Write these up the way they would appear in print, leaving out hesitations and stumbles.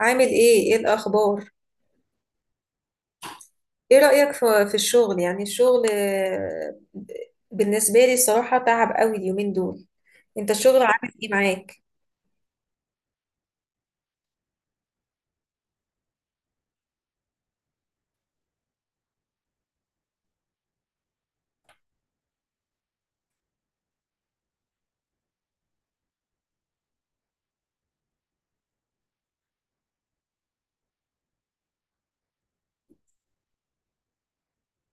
عامل ايه؟ ايه الاخبار؟ ايه رأيك في الشغل، يعني الشغل، بالنسبة لي الصراحة، تعب قوي اليومين دول. انت الشغل عامل ايه معاك؟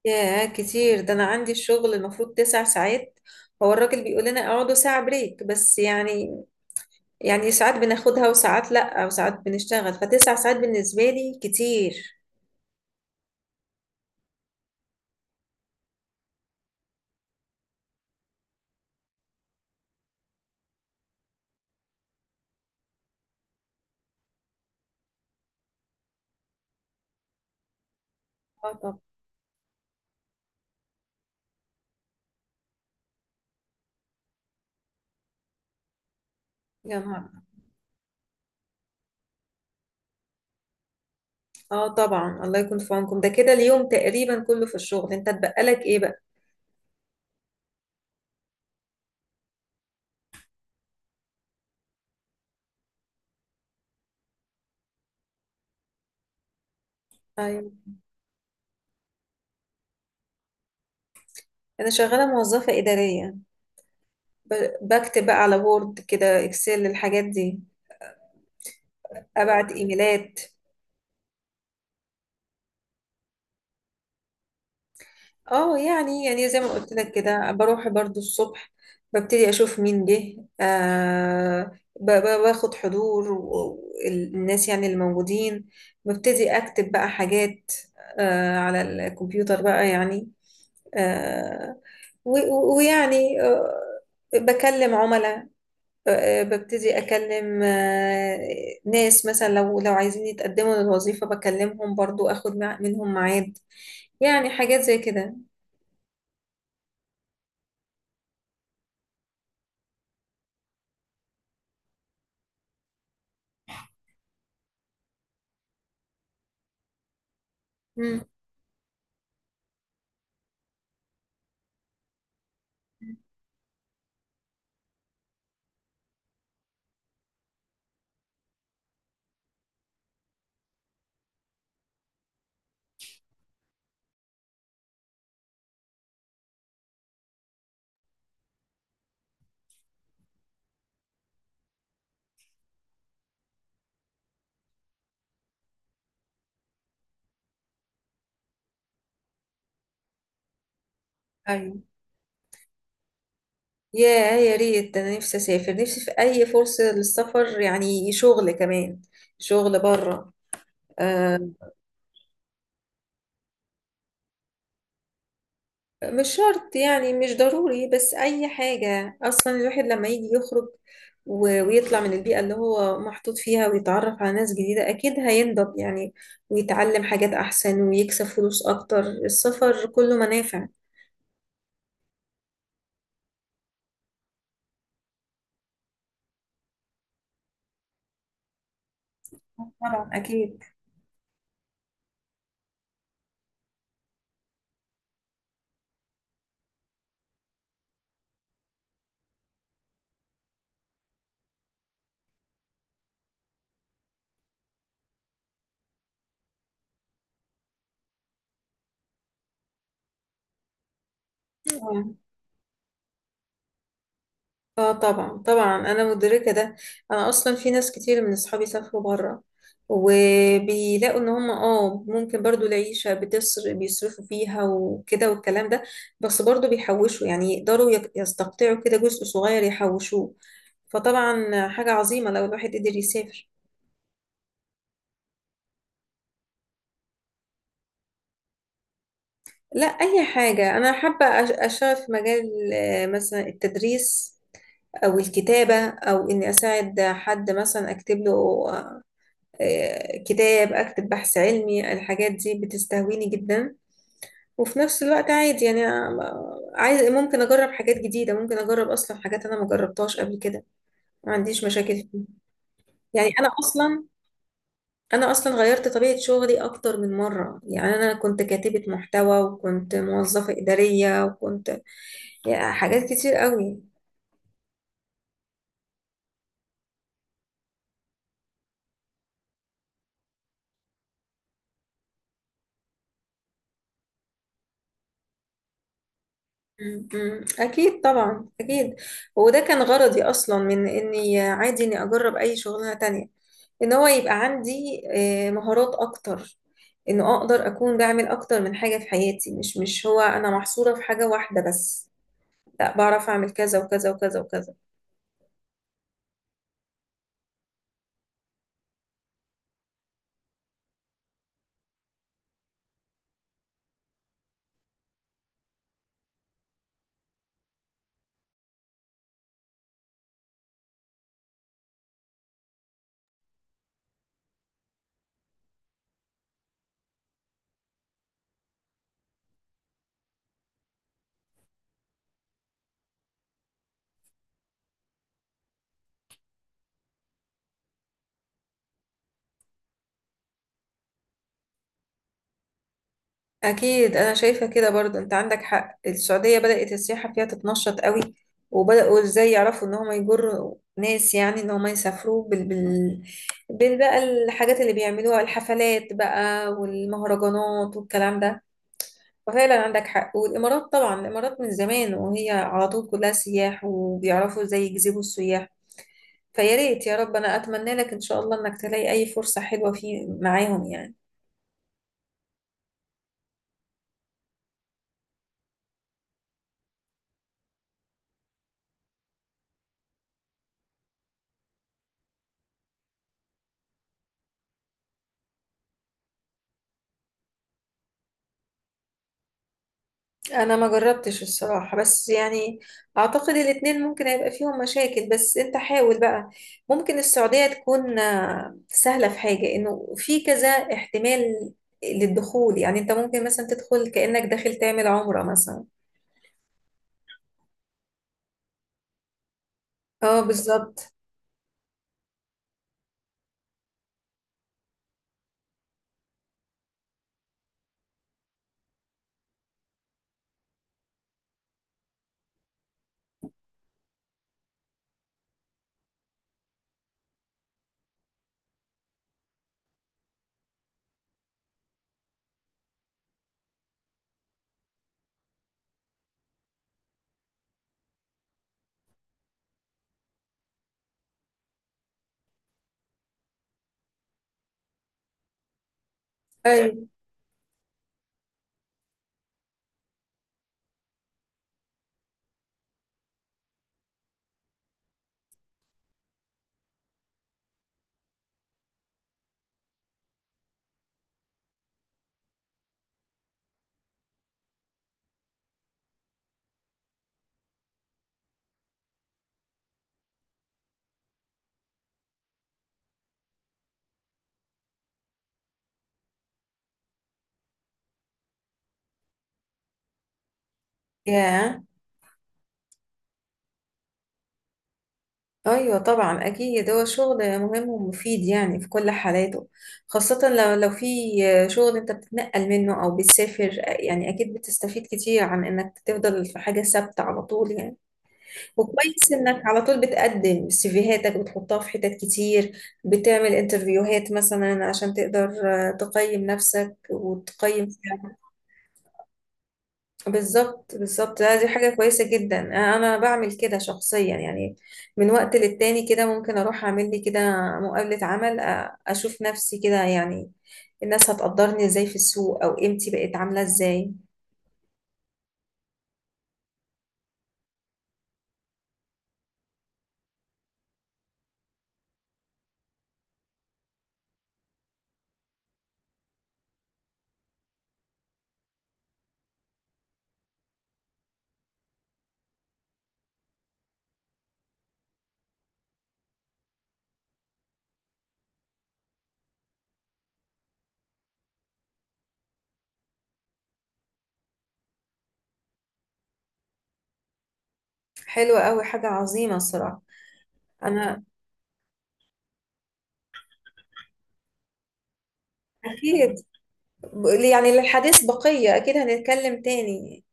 ياه كتير! ده انا عندي الشغل المفروض 9 ساعات. هو الراجل بيقول لنا اقعدوا ساعة بريك بس يعني، يعني ساعات بناخدها وساعات لا وساعات بنشتغل، فتسع ساعات بالنسبة لي كتير. اه، طب. يا نهار! اه طبعا، الله يكون في عونكم. ده كده اليوم تقريبا كله في الشغل، انت اتبقى لك ايه بقى؟ ايوه. انا شغالة موظفة إدارية. بكتب بقى على وورد، كده اكسل، الحاجات دي. ابعت ايميلات. اه، يعني زي ما قلت لك كده بروح برضو الصبح. ببتدي اشوف مين جه. باخد حضور الناس يعني اللي موجودين. ببتدي اكتب بقى حاجات على الكمبيوتر بقى يعني. آه ويعني، بكلم عملاء. ببتدي أكلم ناس مثلا لو عايزين يتقدموا للوظيفة، بكلمهم برضو أخد منهم ميعاد. يعني حاجات زي كده. مم. أيوة. يا يا ريت، ده أنا نفسي أسافر، نفسي في أي فرصة للسفر، يعني شغل كمان، شغل بره. مش شرط يعني، مش ضروري، بس أي حاجة. أصلا الواحد لما يجي يخرج ويطلع من البيئة اللي هو محطوط فيها، ويتعرف على ناس جديدة أكيد هينضب يعني، ويتعلم حاجات أحسن ويكسب فلوس أكتر. السفر كله منافع. طبعا أكيد. اه طبعا طبعا، انا مدركه ده. انا اصلا في ناس كتير من اصحابي سافروا بره، وبيلاقوا ان هم ممكن برضو العيشه بتصر بيصرفوا فيها وكده والكلام ده. بس برضو بيحوشوا، يعني يقدروا يستقطعوا كده جزء صغير يحوشوه. فطبعا حاجه عظيمه لو الواحد قدر يسافر. لا، اي حاجه، انا حابه اشتغل في مجال، مثلا التدريس، او الكتابه، او اني اساعد حد مثلا اكتب له كتاب، أكتب بحث علمي. الحاجات دي بتستهويني جدا، وفي نفس الوقت عادي. يعني عايز، ممكن أجرب حاجات جديدة، ممكن أجرب أصلا حاجات أنا ما جربتهاش قبل كده، ما عنديش مشاكل فيها. يعني أنا أصلا غيرت طبيعة شغلي أكتر من مرة، يعني أنا كنت كاتبة محتوى وكنت موظفة إدارية وكنت، يعني حاجات كتير قوي. م- م. أكيد، طبعا أكيد. وده كان غرضي أصلا، من إني عادي إني أجرب أي شغلانة تانية، إن هو يبقى عندي مهارات أكتر، إنه أقدر أكون بعمل أكتر من حاجة في حياتي، مش هو أنا محصورة في حاجة واحدة بس. لا، بعرف أعمل كذا وكذا وكذا وكذا. أكيد أنا شايفة كده برضه، أنت عندك حق. السعودية بدأت السياحة فيها تتنشط قوي، وبدأوا إزاي يعرفوا إن هم يجروا ناس، يعني إن هم يسافروا بال بقى، الحاجات اللي بيعملوها، الحفلات بقى والمهرجانات والكلام ده. ففعلا عندك حق. والإمارات طبعا، الإمارات من زمان وهي على طول كلها سياح، وبيعرفوا إزاي يجذبوا السياح. فيا ريت يا رب، أنا أتمنى لك إن شاء الله إنك تلاقي أي فرصة حلوة في معاهم، يعني. انا ما جربتش الصراحة، بس يعني، اعتقد الاتنين ممكن هيبقى فيهم مشاكل، بس انت حاول بقى. ممكن السعودية تكون سهلة في حاجة، انه في كذا احتمال للدخول، يعني انت ممكن مثلا تدخل كأنك داخل تعمل عمرة مثلا. اه، بالظبط. ايوه. ياه. ايوه طبعا، اكيد هو شغل مهم ومفيد يعني في كل حالاته، خاصة لو في شغل انت بتتنقل منه او بتسافر. يعني اكيد بتستفيد كتير عن انك تفضل في حاجة ثابتة على طول، يعني. وكويس انك على طول بتقدم سيفيهاتك، بتحطها في حتت كتير، بتعمل انترفيوهات مثلا عشان تقدر تقيم نفسك وتقيم. بالظبط، بالظبط. لا، دي حاجة كويسة جدا، أنا بعمل كده شخصيا يعني. من وقت للتاني كده ممكن أروح أعمل لي كده مقابلة عمل، أشوف نفسي كده يعني، الناس هتقدرني إزاي في السوق، أو قيمتي بقت عاملة إزاي. حلوة أوي، حاجة عظيمة الصراحة. أنا أكيد، يعني للحديث بقية، أكيد هنتكلم تاني.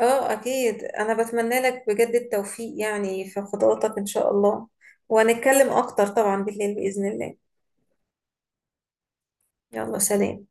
أه أكيد، أنا بتمنى لك بجد التوفيق يعني في خطواتك إن شاء الله، وهنتكلم أكتر طبعا بالليل بإذن الله. يلا، سلام.